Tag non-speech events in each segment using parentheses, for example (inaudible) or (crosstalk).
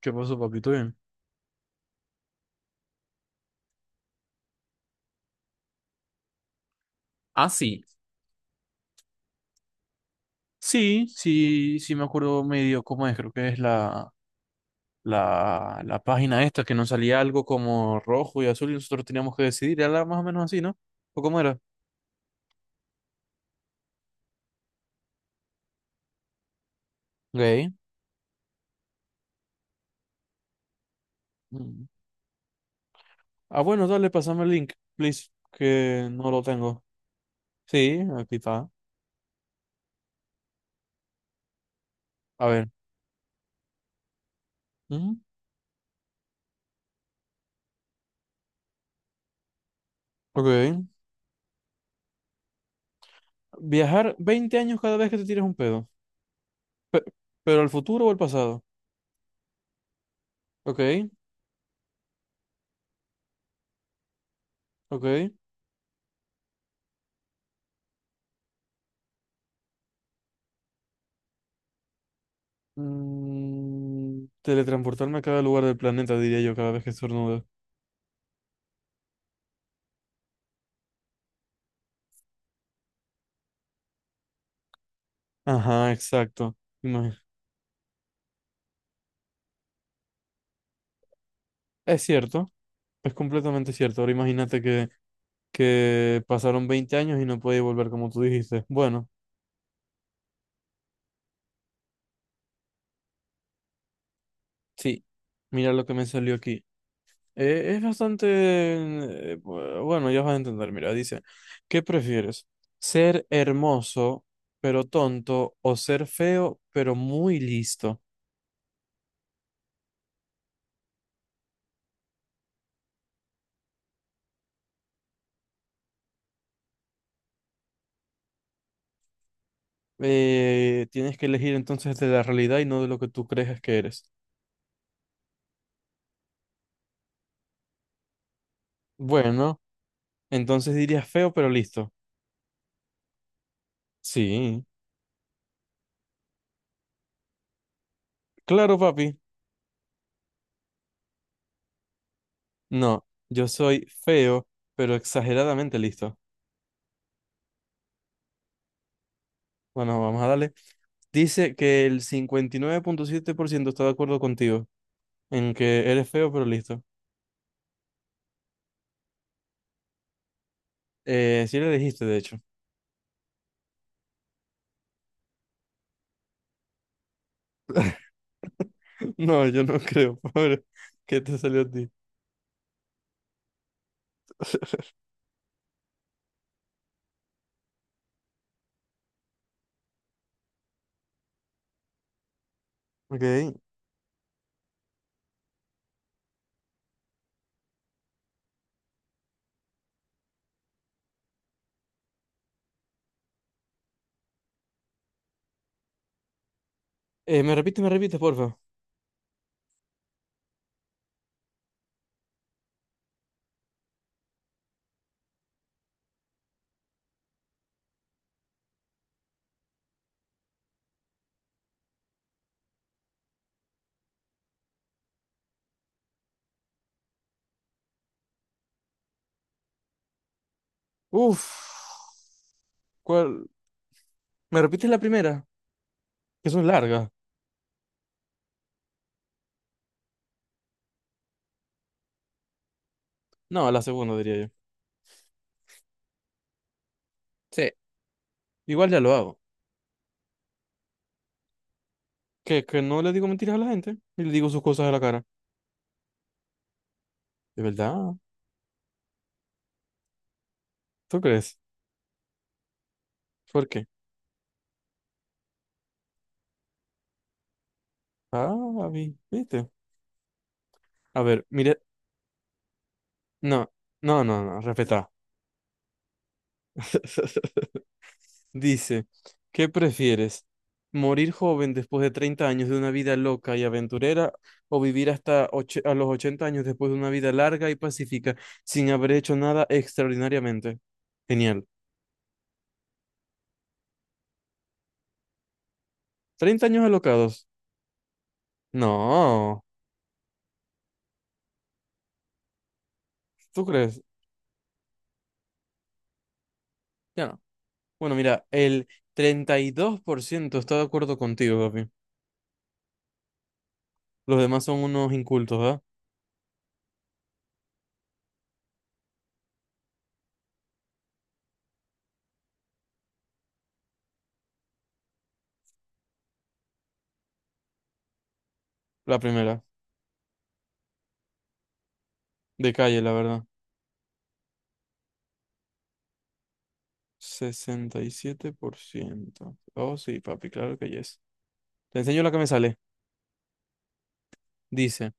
¿Qué pasó, papito? Bien. Ah, sí. Sí, sí, sí me acuerdo medio cómo es, creo que es la página esta, que nos salía algo como rojo y azul y nosotros teníamos que decidir, era más o menos así, ¿no? ¿O cómo era? Ok. Mm. Ah, bueno, dale, pásame el link, please, que no lo tengo. Sí, aquí está. A ver. Ujú. Ok. Viajar 20 años cada vez que te tires un pedo. Pe- ¿Pero al futuro o al pasado? Ok, ok. Teletransportarme a cada lugar del planeta, diría yo, cada vez que estornudo. Ajá, exacto. Imagi- Es cierto, es completamente cierto. Ahora imagínate que pasaron 20 años y no podía volver como tú dijiste. Bueno, sí, mira lo que me salió aquí. Es bastante... Bueno, ya vas a entender, mira, dice, ¿qué prefieres? ¿Ser hermoso pero tonto o ser feo pero muy listo? Tienes que elegir entonces de la realidad y no de lo que tú crees que eres. Bueno, entonces dirías feo, pero listo. Sí. Claro, papi. No, yo soy feo, pero exageradamente listo. Bueno, vamos a darle. Dice que el 59.7% está de acuerdo contigo en que eres feo, pero listo. Sí le dijiste, de hecho. (laughs) No, yo no creo, (laughs) pobre, que te salió a ti. Ok. Me repite, me repite, porfa. Uf. ¿Cuál? ¿Me repites la primera? Que son largas. No, la segunda, diría yo. Sí. Igual ya lo hago. Que no le digo mentiras a la gente y le digo sus cosas a la cara. ¿De verdad? ¿Tú crees? ¿Por qué? Ah, ¿viste? A ver, mire. No, no, no, no, respeta. (laughs) Dice, ¿qué prefieres? ¿Morir joven después de 30 años de una vida loca y aventurera o vivir hasta a los 80 años después de una vida larga y pacífica sin haber hecho nada extraordinariamente? Genial. 30 años alocados. No, ¿tú crees? Ya no. Bueno, mira, el 32% está de acuerdo contigo, papi. Los demás son unos incultos, ¿verdad? La primera, de calle, la verdad. 67%. Oh, sí, papi, claro que yes. Te enseño la que me sale. Dice,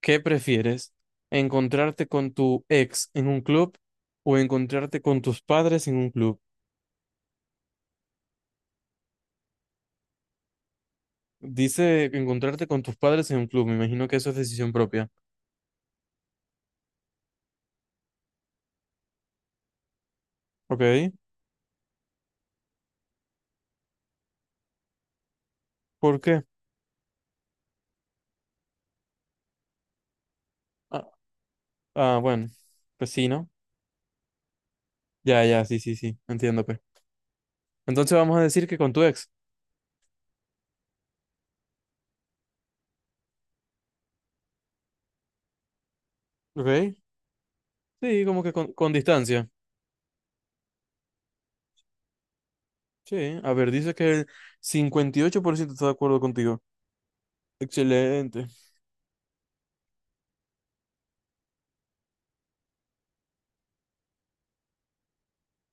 ¿qué prefieres? ¿Encontrarte con tu ex en un club o encontrarte con tus padres en un club? Dice encontrarte con tus padres en un club. Me imagino que eso es decisión propia. ¿Ok? ¿Por qué? Ah, ah, bueno, pues sí, ¿no? Ya, ya, sí, sí, sí, entiendo, pues. Entonces vamos a decir que con tu ex, ¿ok? Sí, como que con, distancia. Sí, a ver, dice que el 58% está de acuerdo contigo. Excelente.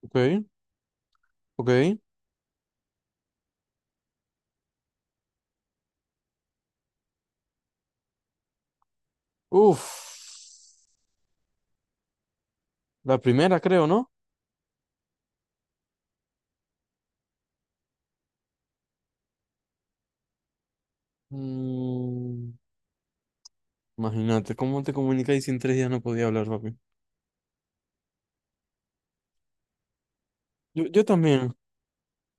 Ok, ok. Uf, la primera creo, ¿no? Mm, imagínate, ¿cómo te comunicas y si en 3 días no podía hablar, papi? Yo también,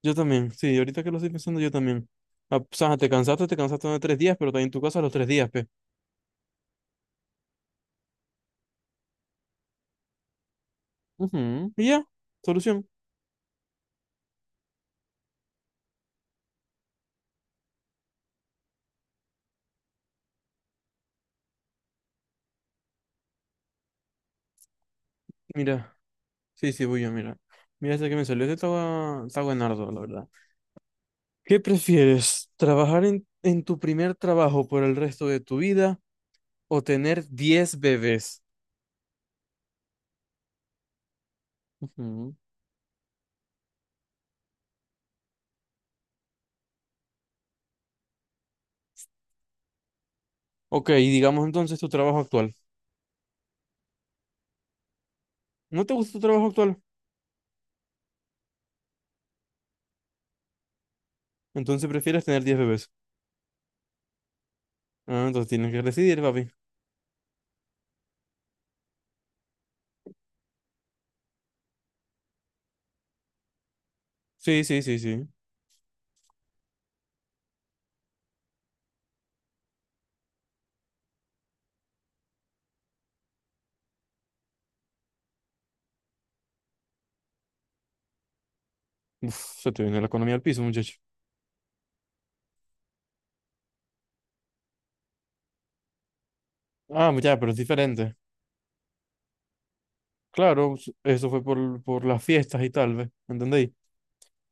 yo también, sí, ahorita que lo estoy pensando, yo también. Ah, o sea, te cansaste de 3 días, pero también en tu casa los 3 días, pe. Ujú. Y ya, solución. Mira, sí, sí, voy yo, mira. Mira, este que me salió, este estaba, está buenardo, la verdad. ¿Qué prefieres? ¿Trabajar en tu primer trabajo por el resto de tu vida o tener 10 bebés? Ujú. Ok, digamos entonces tu trabajo actual. ¿No te gusta tu trabajo actual? Entonces prefieres tener 10 bebés. Ah, entonces tienes que decidir, papi. Sí, sí, sí, sí. Uf, se te viene la economía al piso, muchacho. Ah, ya, pero es diferente. Claro, eso fue por las fiestas y tal, ¿ves? ¿Entendéis?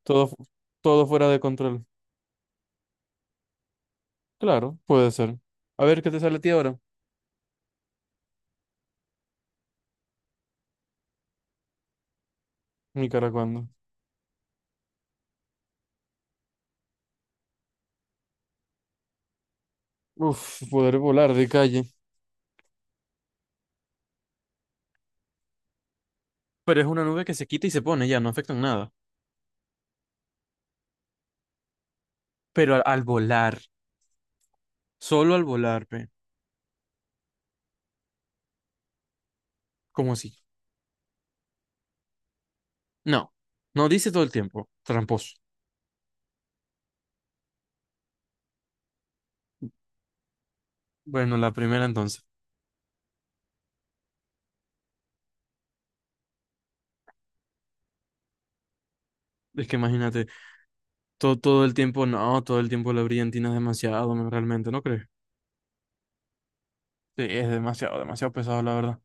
Todo, fu- todo fuera de control. Claro, puede ser. A ver, ¿qué te sale a ti ahora? Nicaragua. Uf, poder volar de calle. Pero es una nube que se quita y se pone, ya no afecta en nada. Pero al volar, solo al volar, pe. ¿Cómo así? No, no dice todo el tiempo, tramposo. Bueno, la primera entonces. Es que imagínate, todo, todo el tiempo, no, todo el tiempo la brillantina es demasiado, no, realmente, ¿no crees? Sí, es demasiado, demasiado pesado, la verdad.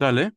Dale.